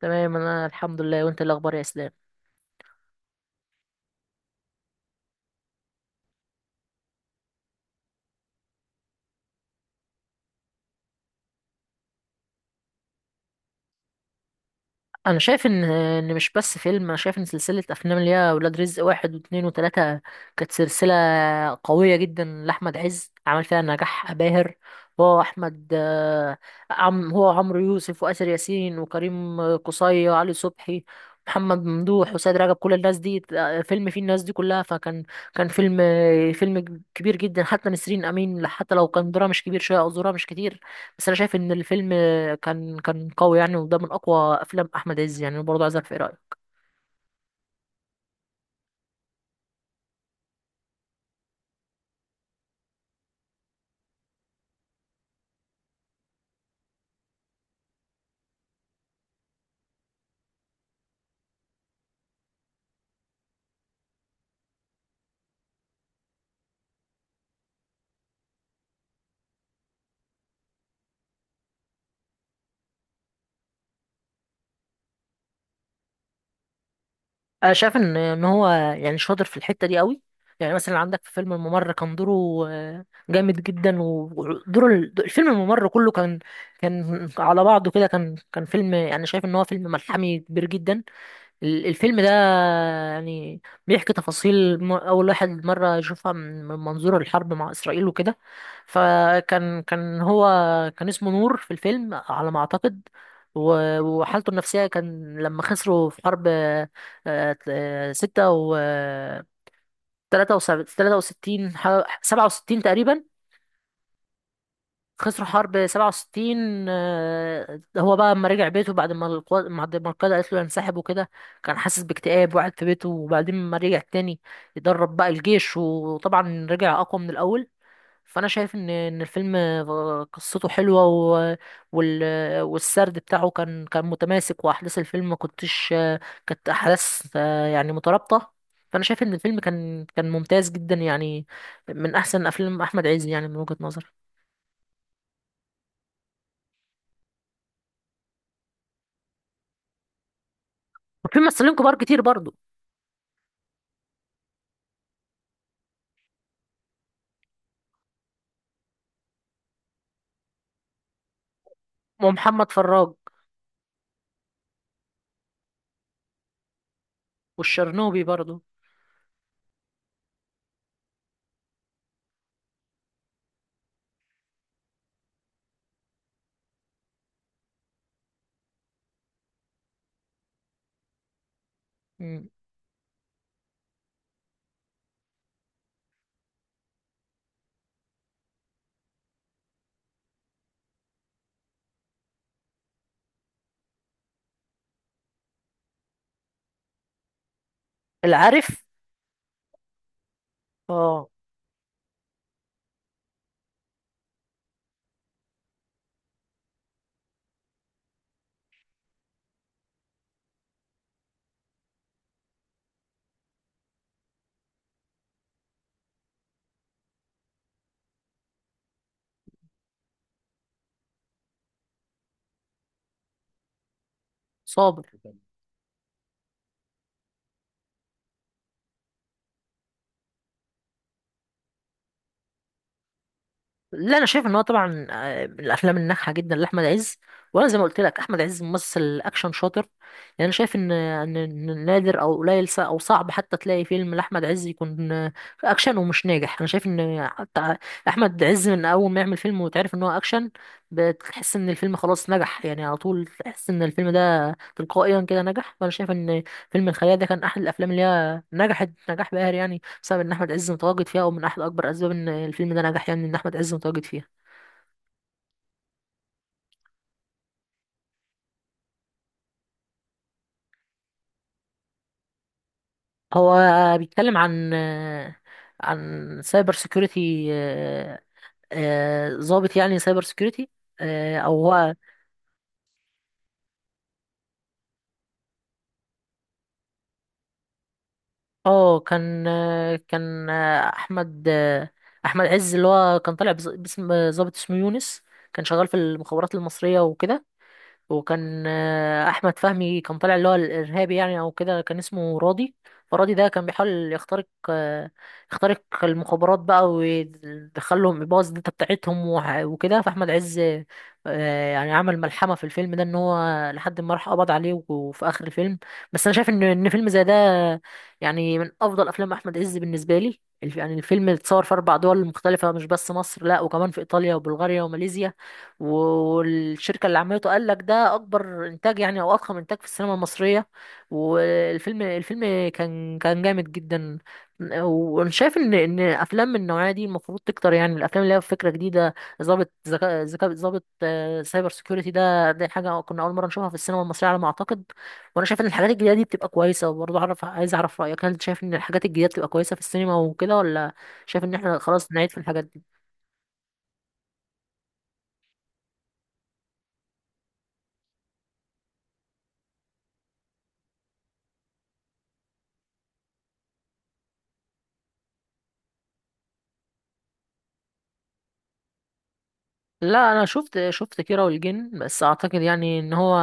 تمام، انا الحمد لله. وانت إيه الاخبار يا اسلام؟ انا شايف ان مش بس فيلم. انا شايف ان سلسله افلام اللي هي ولاد رزق واحد واثنين وثلاثه كانت سلسله قويه جدا لاحمد عز، عمل فيها نجاح باهر. هو احمد، آه، عم هو عمرو يوسف واسر ياسين وكريم قصي وعلي صبحي، محمد ممدوح وسيد رجب، كل الناس دي، فيلم فيه الناس دي كلها. فكان فيلم، فيلم كبير جدا. حتى نسرين امين، حتى لو كان دورها مش كبير شويه او دورها مش كتير، بس انا شايف ان الفيلم كان قوي يعني، وده من اقوى افلام احمد عز. يعني برضه عايز اعرف ايه رايك. انا شايف ان هو يعني شاطر في الحته دي قوي. يعني مثلا عندك في فيلم الممر كان دوره جامد جدا. ودور الفيلم الممر كله كان على بعضه كده. كان فيلم يعني، شايف ان هو فيلم ملحمي كبير جدا. الفيلم ده يعني بيحكي تفاصيل أول واحد مرة يشوفها من منظور الحرب مع إسرائيل وكده. فكان هو كان اسمه نور في الفيلم على ما أعتقد. وحالته النفسية كان لما خسروا في حرب، ستة و 63، 67 تقريبا. خسروا حرب 67. هو بقى لما رجع بيته بعد ما القاده قالت له ينسحب وكده، كان حاسس باكتئاب وقعد في بيته. وبعدين لما رجع تاني يدرب بقى الجيش، وطبعا رجع اقوى من الاول. فانا شايف ان الفيلم قصته حلوه، وال... والسرد بتاعه كان متماسك. واحداث الفيلم ما كنتش كانت احداث يعني مترابطه. فانا شايف ان الفيلم كان ممتاز جدا يعني، من احسن افلام احمد عز يعني، من وجهة نظري. وفي ممثلين كبار كتير برضو. ومحمد فراج. والشرنوبي برضو. مم. العارف. اه. صابر. لا، انا شايف ان هو طبعا من الافلام الناجحه جدا لاحمد عز. وانا زي ما قلت لك، احمد عز ممثل اكشن شاطر. يعني انا شايف ان نادر او قليل، او صعب حتى تلاقي فيلم لاحمد عز يكون اكشن ومش ناجح. انا شايف ان حتى احمد عز من اول ما يعمل فيلم وتعرف ان هو اكشن، بتحس ان الفيلم خلاص نجح يعني. على طول تحس ان الفيلم ده تلقائيا كده نجح. فانا شايف ان فيلم الخيال ده كان احد الافلام اللي هي نجحت نجاح باهر يعني، بسبب ان احمد عز متواجد فيها. ومن احد اكبر اسباب ان الفيلم ده نجح يعني ان احمد عز متواجد فيها. هو بيتكلم عن سايبر سيكيورتي. ضابط يعني سايبر سيكيورتي. او هو، اه، كان احمد عز، اللي هو كان طالع باسم ضابط اسمه يونس، كان شغال في المخابرات المصرية وكده. وكان احمد فهمي كان طالع اللي هو الارهابي يعني، او كده كان اسمه راضي. فراضي ده كان بيحاول يخترق، يخترق المخابرات بقى ويدخلهم يبوظ الداتا بتاعتهم وكده. فاحمد عز يعني عمل ملحمه في الفيلم ده ان هو لحد ما راح قبض عليه وفي اخر الفيلم. بس انا شايف ان فيلم زي ده يعني من افضل افلام احمد عز بالنسبه لي. يعني الفيلم اتصور في اربع دول مختلفه، مش بس مصر، لا وكمان في ايطاليا وبلغاريا وماليزيا. و- والشركة اللي عملته قال لك ده أكبر إنتاج يعني، أو أضخم إنتاج في السينما المصرية. والفيلم كان جامد جدا. وانا شايف ان افلام من النوعيه دي المفروض تكتر. يعني الافلام اللي هي فكره جديده، ظابط ذكاء ذكاء ظابط سايبر سيكيورتي ده، دي حاجه كنا اول مره نشوفها في السينما المصريه على ما اعتقد. وانا شايف ان الحاجات الجديده دي بتبقى كويسه. وبرضه عايز اعرف رايك، هل انت شايف ان الحاجات الجديده بتبقى كويسه في السينما وكده، ولا شايف ان احنا خلاص نعيد في الحاجات دي؟ لا، انا شفت كيرة والجن. بس اعتقد يعني ان هو،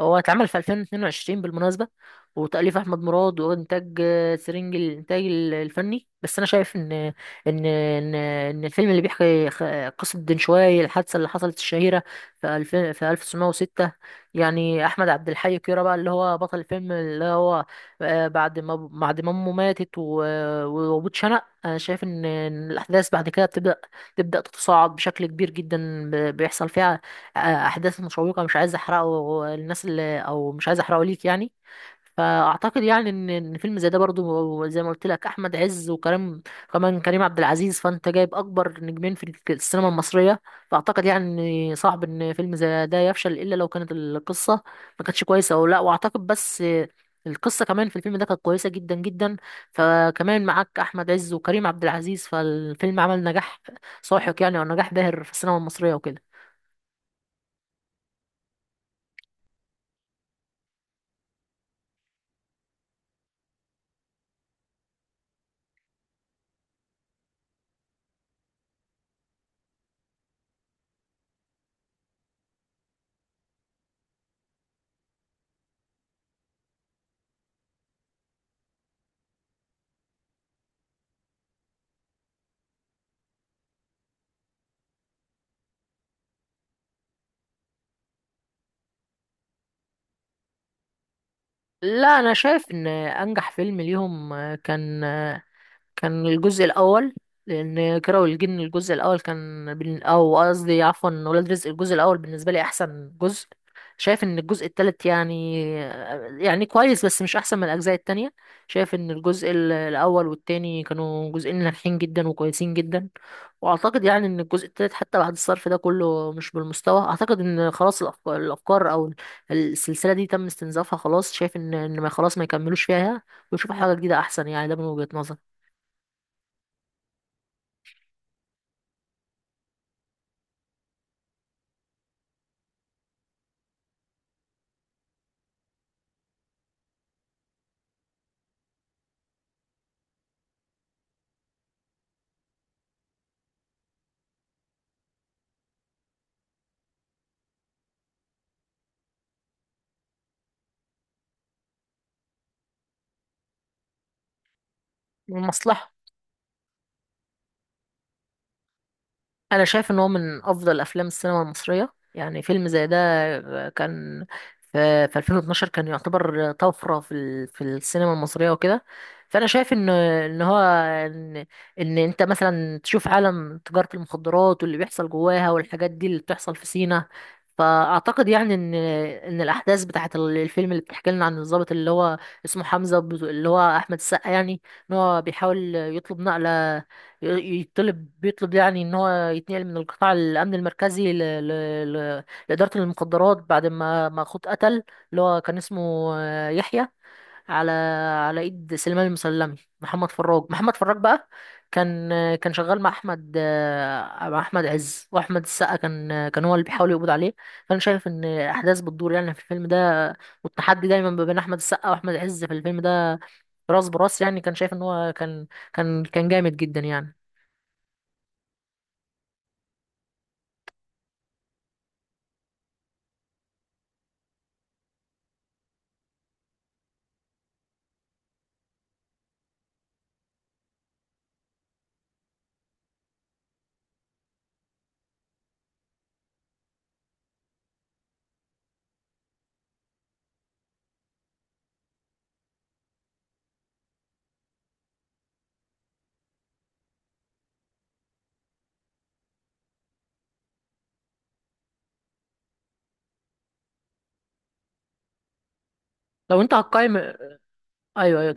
هو اتعمل في 2022 بالمناسبة، وتأليف احمد مراد، وانتاج سرنج الانتاج الفني. بس انا شايف ان الفيلم اللي بيحكي قصة دنشواي، الحادثة اللي حصلت الشهيرة في 2000، في 1906. يعني احمد عبد الحي كيرة بقى اللي هو بطل الفيلم، اللي هو بعد ما امه ماتت، وابوه اتشنق، انا شايف ان إن الاحداث بعد كده تبدأ تتصاعد بشكل كبير جدا. بيحصل فيها آه، أحداث مشوقة. مش عايز أحرقه الناس، اللي، أو مش عايز أحرقه ليك يعني. فأعتقد يعني إن فيلم زي ده برضو، زي ما قلت لك، أحمد عز وكريم، كمان كريم عبد العزيز. فأنت جايب أكبر نجمين في السينما المصرية. فأعتقد يعني إن صعب إن فيلم زي ده يفشل، إلا لو كانت القصة ما كانتش كويسة، أو لا. وأعتقد بس القصة كمان في الفيلم ده كانت كويسة جدا جدا. فكمان معاك أحمد عز وكريم عبد العزيز، فالفيلم عمل نجاح ساحق يعني، او نجاح باهر في السينما المصريه وكده. لا، انا شايف ان انجح فيلم ليهم كان الجزء الاول. لان كيرة والجن الجزء الاول كان او قصدي عفوا، ولاد رزق الجزء الاول بالنسبه لي احسن جزء. شايف ان الجزء التالت يعني، يعني كويس بس مش احسن من الاجزاء التانية. شايف ان الجزء الاول والتاني كانوا جزئين ناجحين جدا وكويسين جدا. واعتقد يعني ان الجزء التالت حتى بعد الصرف ده كله مش بالمستوى. اعتقد ان خلاص الأفكار او السلسله دي تم استنزافها خلاص. شايف ان ما، خلاص ما يكملوش فيها ويشوفوا حاجه جديده احسن يعني. ده من وجهه نظري. المصلحة. انا شايف ان هو من افضل افلام السينما المصريه. يعني فيلم زي ده كان في 2012 كان يعتبر طفره في في السينما المصريه وكده. فانا شايف ان ان هو ان ان انت مثلا تشوف عالم تجاره المخدرات واللي بيحصل جواها، والحاجات دي اللي بتحصل في سينا. فاعتقد يعني ان الاحداث بتاعه الفيلم اللي بتحكي لنا عن الضابط، اللي هو اسمه حمزه، اللي هو احمد السقا يعني، ان هو بيحاول يطلب نقله. يطلب بيطلب يعني ان هو يتنقل من القطاع الامن المركزي ل... لاداره المخدرات، بعد ما اخوه اتقتل. اللي هو كان اسمه يحيى، على على ايد سليمان المسلمي. محمد فراج بقى كان، كان شغال مع احمد، مع احمد عز واحمد السقا. كان كان هو اللي بيحاول يقبض عليه. فانا شايف ان الاحداث بتدور يعني في الفيلم ده، والتحدي دايما ما بين احمد السقا واحمد عز في الفيلم ده راس براس يعني. كان شايف ان هو كان جامد جدا يعني. لو انت هتقيم. ايوه ايوه.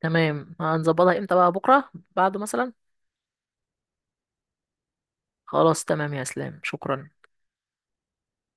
تمام، هنظبطها امتى بقى؟ بكره بعده مثلا. خلاص، تمام يا اسلام، شكرا.